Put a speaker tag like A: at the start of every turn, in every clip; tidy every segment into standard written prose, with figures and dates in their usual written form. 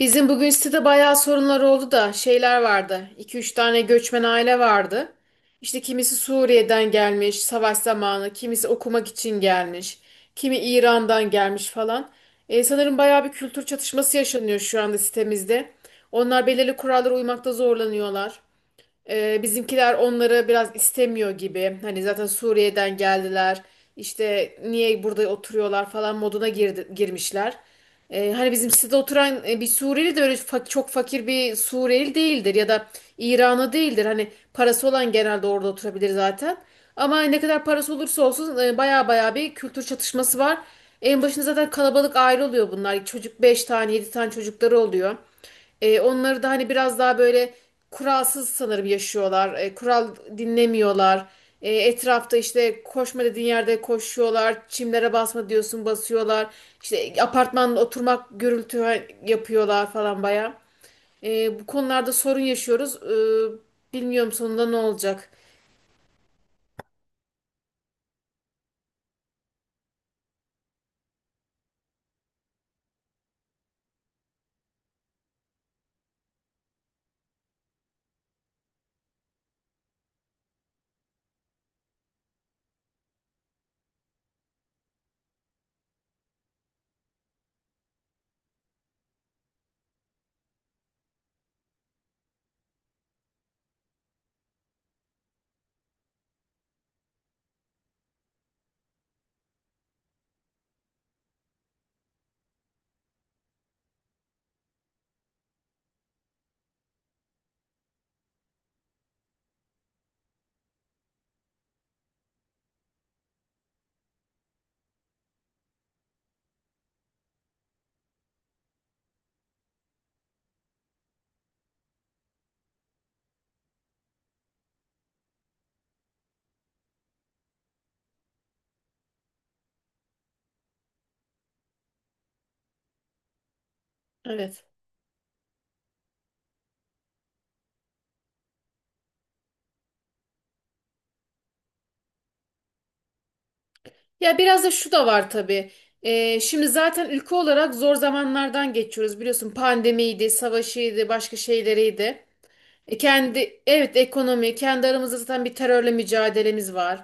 A: Bizim bugün sitede bayağı sorunlar oldu da şeyler vardı. İki üç tane göçmen aile vardı. İşte kimisi Suriye'den gelmiş savaş zamanı, kimisi okumak için gelmiş, kimi İran'dan gelmiş falan. Sanırım bayağı bir kültür çatışması yaşanıyor şu anda sitemizde. Onlar belirli kurallara uymakta zorlanıyorlar. Bizimkiler onları biraz istemiyor gibi. Hani zaten Suriye'den geldiler. İşte niye burada oturuyorlar falan moduna girmişler. Hani bizim sitede oturan bir Suriyeli de öyle çok fakir bir Suriyeli değildir ya da İranlı değildir. Hani parası olan genelde orada oturabilir zaten. Ama ne kadar parası olursa olsun baya baya bir kültür çatışması var. En başında zaten kalabalık aile oluyor bunlar. Çocuk 5 tane 7 tane çocukları oluyor. Onları da hani biraz daha böyle kuralsız sanırım yaşıyorlar. Kural dinlemiyorlar. Etrafta işte koşma dediğin yerde koşuyorlar. Çimlere basma diyorsun basıyorlar. İşte apartmanda oturmak gürültü yapıyorlar falan baya. Bu konularda sorun yaşıyoruz. Bilmiyorum sonunda ne olacak. Evet. Ya biraz da şu da var tabii. Şimdi zaten ülke olarak zor zamanlardan geçiyoruz. Biliyorsun pandemiydi, savaşıydı, başka şeyleriydi. E, kendi Evet, ekonomi, kendi aramızda zaten bir terörle mücadelemiz var.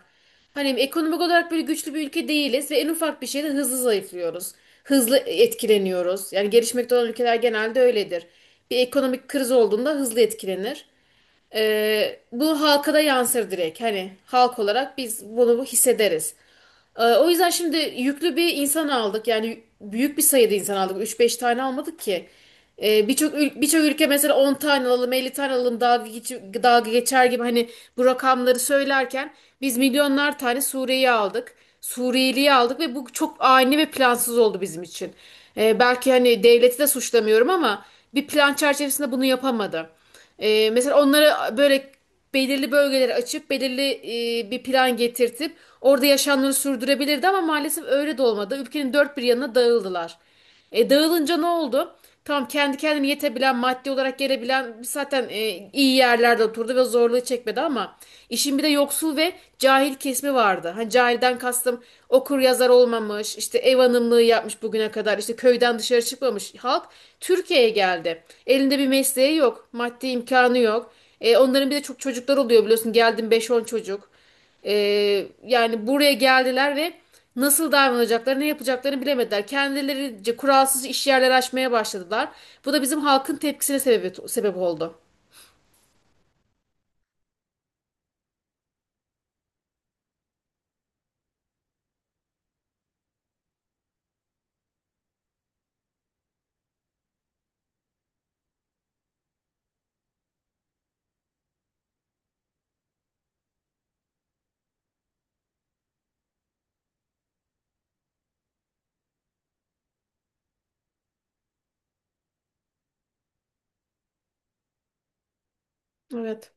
A: Hani ekonomik olarak böyle güçlü bir ülke değiliz ve en ufak bir şeyde hızlı zayıflıyoruz. Hızlı etkileniyoruz. Yani gelişmekte olan ülkeler genelde öyledir. Bir ekonomik kriz olduğunda hızlı etkilenir. Bu halka da yansır direkt. Hani halk olarak biz bunu hissederiz. O yüzden şimdi yüklü bir insan aldık. Yani büyük bir sayıda insan aldık. Üç beş tane almadık ki. Birçok ülke mesela 10 tane alalım, 50 tane alalım dalga geçer gibi hani bu rakamları söylerken biz milyonlar tane Suriye'yi aldık. Suriyeli'yi aldık ve bu çok ani ve plansız oldu bizim için. Belki hani devleti de suçlamıyorum ama bir plan çerçevesinde bunu yapamadı. Mesela onlara böyle belirli bölgeleri açıp belirli bir plan getirtip orada yaşamlarını sürdürebilirdi ama maalesef öyle de olmadı. Ülkenin dört bir yanına dağıldılar. E, dağılınca ne oldu? Tamam, kendi kendine yetebilen, maddi olarak gelebilen zaten iyi yerlerde oturdu ve zorluğu çekmedi ama işin bir de yoksul ve cahil kesimi vardı. Hani cahilden kastım okur yazar olmamış, işte ev hanımlığı yapmış bugüne kadar, işte köyden dışarı çıkmamış halk Türkiye'ye geldi. Elinde bir mesleği yok, maddi imkanı yok. Onların bir de çok çocuklar oluyor biliyorsun. Geldim beş on çocuk. E, Yani buraya geldiler ve nasıl davranacaklarını, ne yapacaklarını bilemediler. Kendilerince kuralsız iş yerleri açmaya başladılar. Bu da bizim halkın tepkisine sebep oldu. Evet.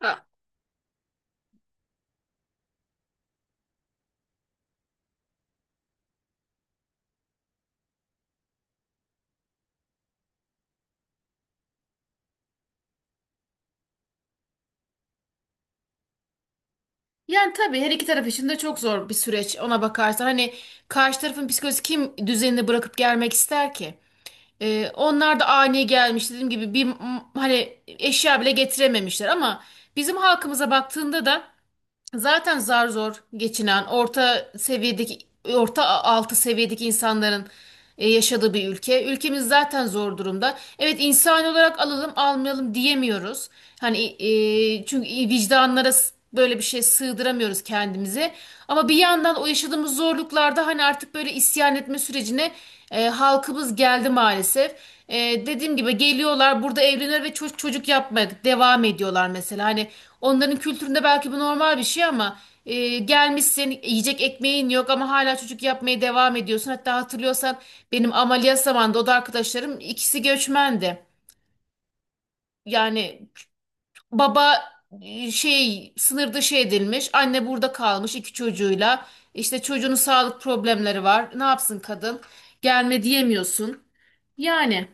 A: Ha. Yani tabii her iki taraf için de çok zor bir süreç ona bakarsan. Hani karşı tarafın psikolojisi kim düzenini bırakıp gelmek ister ki? Onlar da ani gelmiş dediğim gibi hani eşya bile getirememişler ama bizim halkımıza baktığında da zaten zar zor geçinen orta seviyedeki orta altı seviyedeki insanların yaşadığı bir ülke. Ülkemiz zaten zor durumda. Evet, insan olarak alalım almayalım diyemiyoruz. Hani çünkü böyle bir şey sığdıramıyoruz kendimize. Ama bir yandan o yaşadığımız zorluklarda hani artık böyle isyan etme sürecine halkımız geldi maalesef. E, dediğim gibi geliyorlar burada evleniyor ve çocuk çocuk yapmaya devam ediyorlar mesela. Hani onların kültüründe belki bu normal bir şey ama gelmişsin yiyecek ekmeğin yok ama hala çocuk yapmaya devam ediyorsun. Hatta hatırlıyorsan benim ameliyat zamanında o da arkadaşlarım ikisi göçmendi. Yani baba sınır dışı edilmiş, anne burada kalmış iki çocuğuyla, işte çocuğunun sağlık problemleri var, ne yapsın kadın, gelme diyemiyorsun. Yani.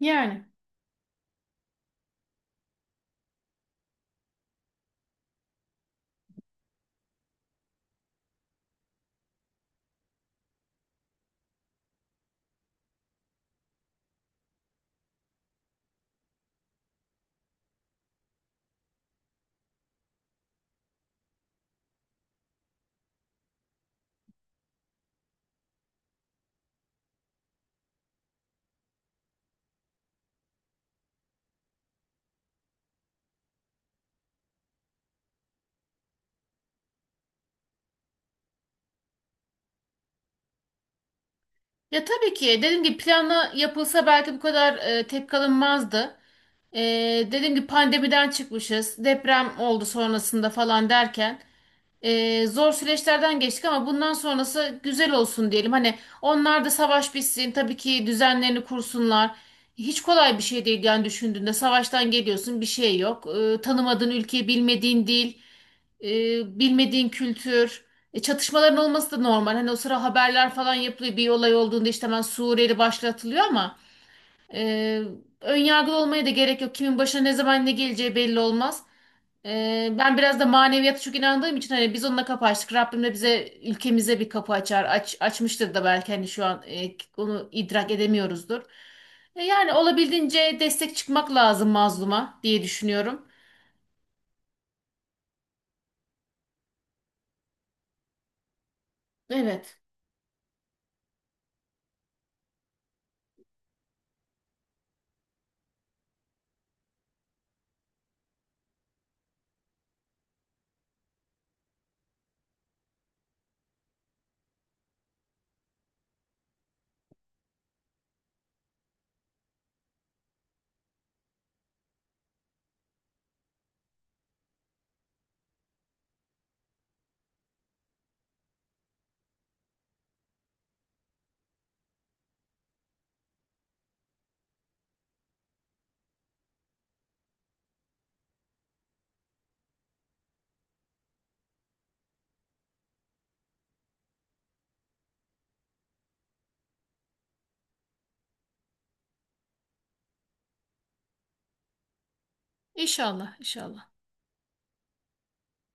A: Yani ya tabii ki dediğim gibi planla yapılsa belki bu kadar tepki alınmazdı. E, dediğim gibi pandemiden çıkmışız, deprem oldu sonrasında falan derken zor süreçlerden geçtik ama bundan sonrası güzel olsun diyelim. Hani onlar da savaş bitsin, tabii ki düzenlerini kursunlar. Hiç kolay bir şey değil yani, düşündüğünde savaştan geliyorsun bir şey yok. E, tanımadığın ülke, bilmediğin dil, bilmediğin kültür. E, çatışmaların olması da normal. Hani o sıra haberler falan yapılıyor. Bir olay olduğunda işte hemen Suriyeli başlatılıyor ama e, önyargılı olmaya da gerek yok. Kimin başına ne zaman ne geleceği belli olmaz. E, ben biraz da maneviyata çok inandığım için hani biz onunla kapı açtık. Rabbim de bize ülkemize bir kapı açar. Açmıştır da belki hani şu an onu idrak edemiyoruzdur. E, yani olabildiğince destek çıkmak lazım mazluma diye düşünüyorum. Evet. İnşallah, inşallah.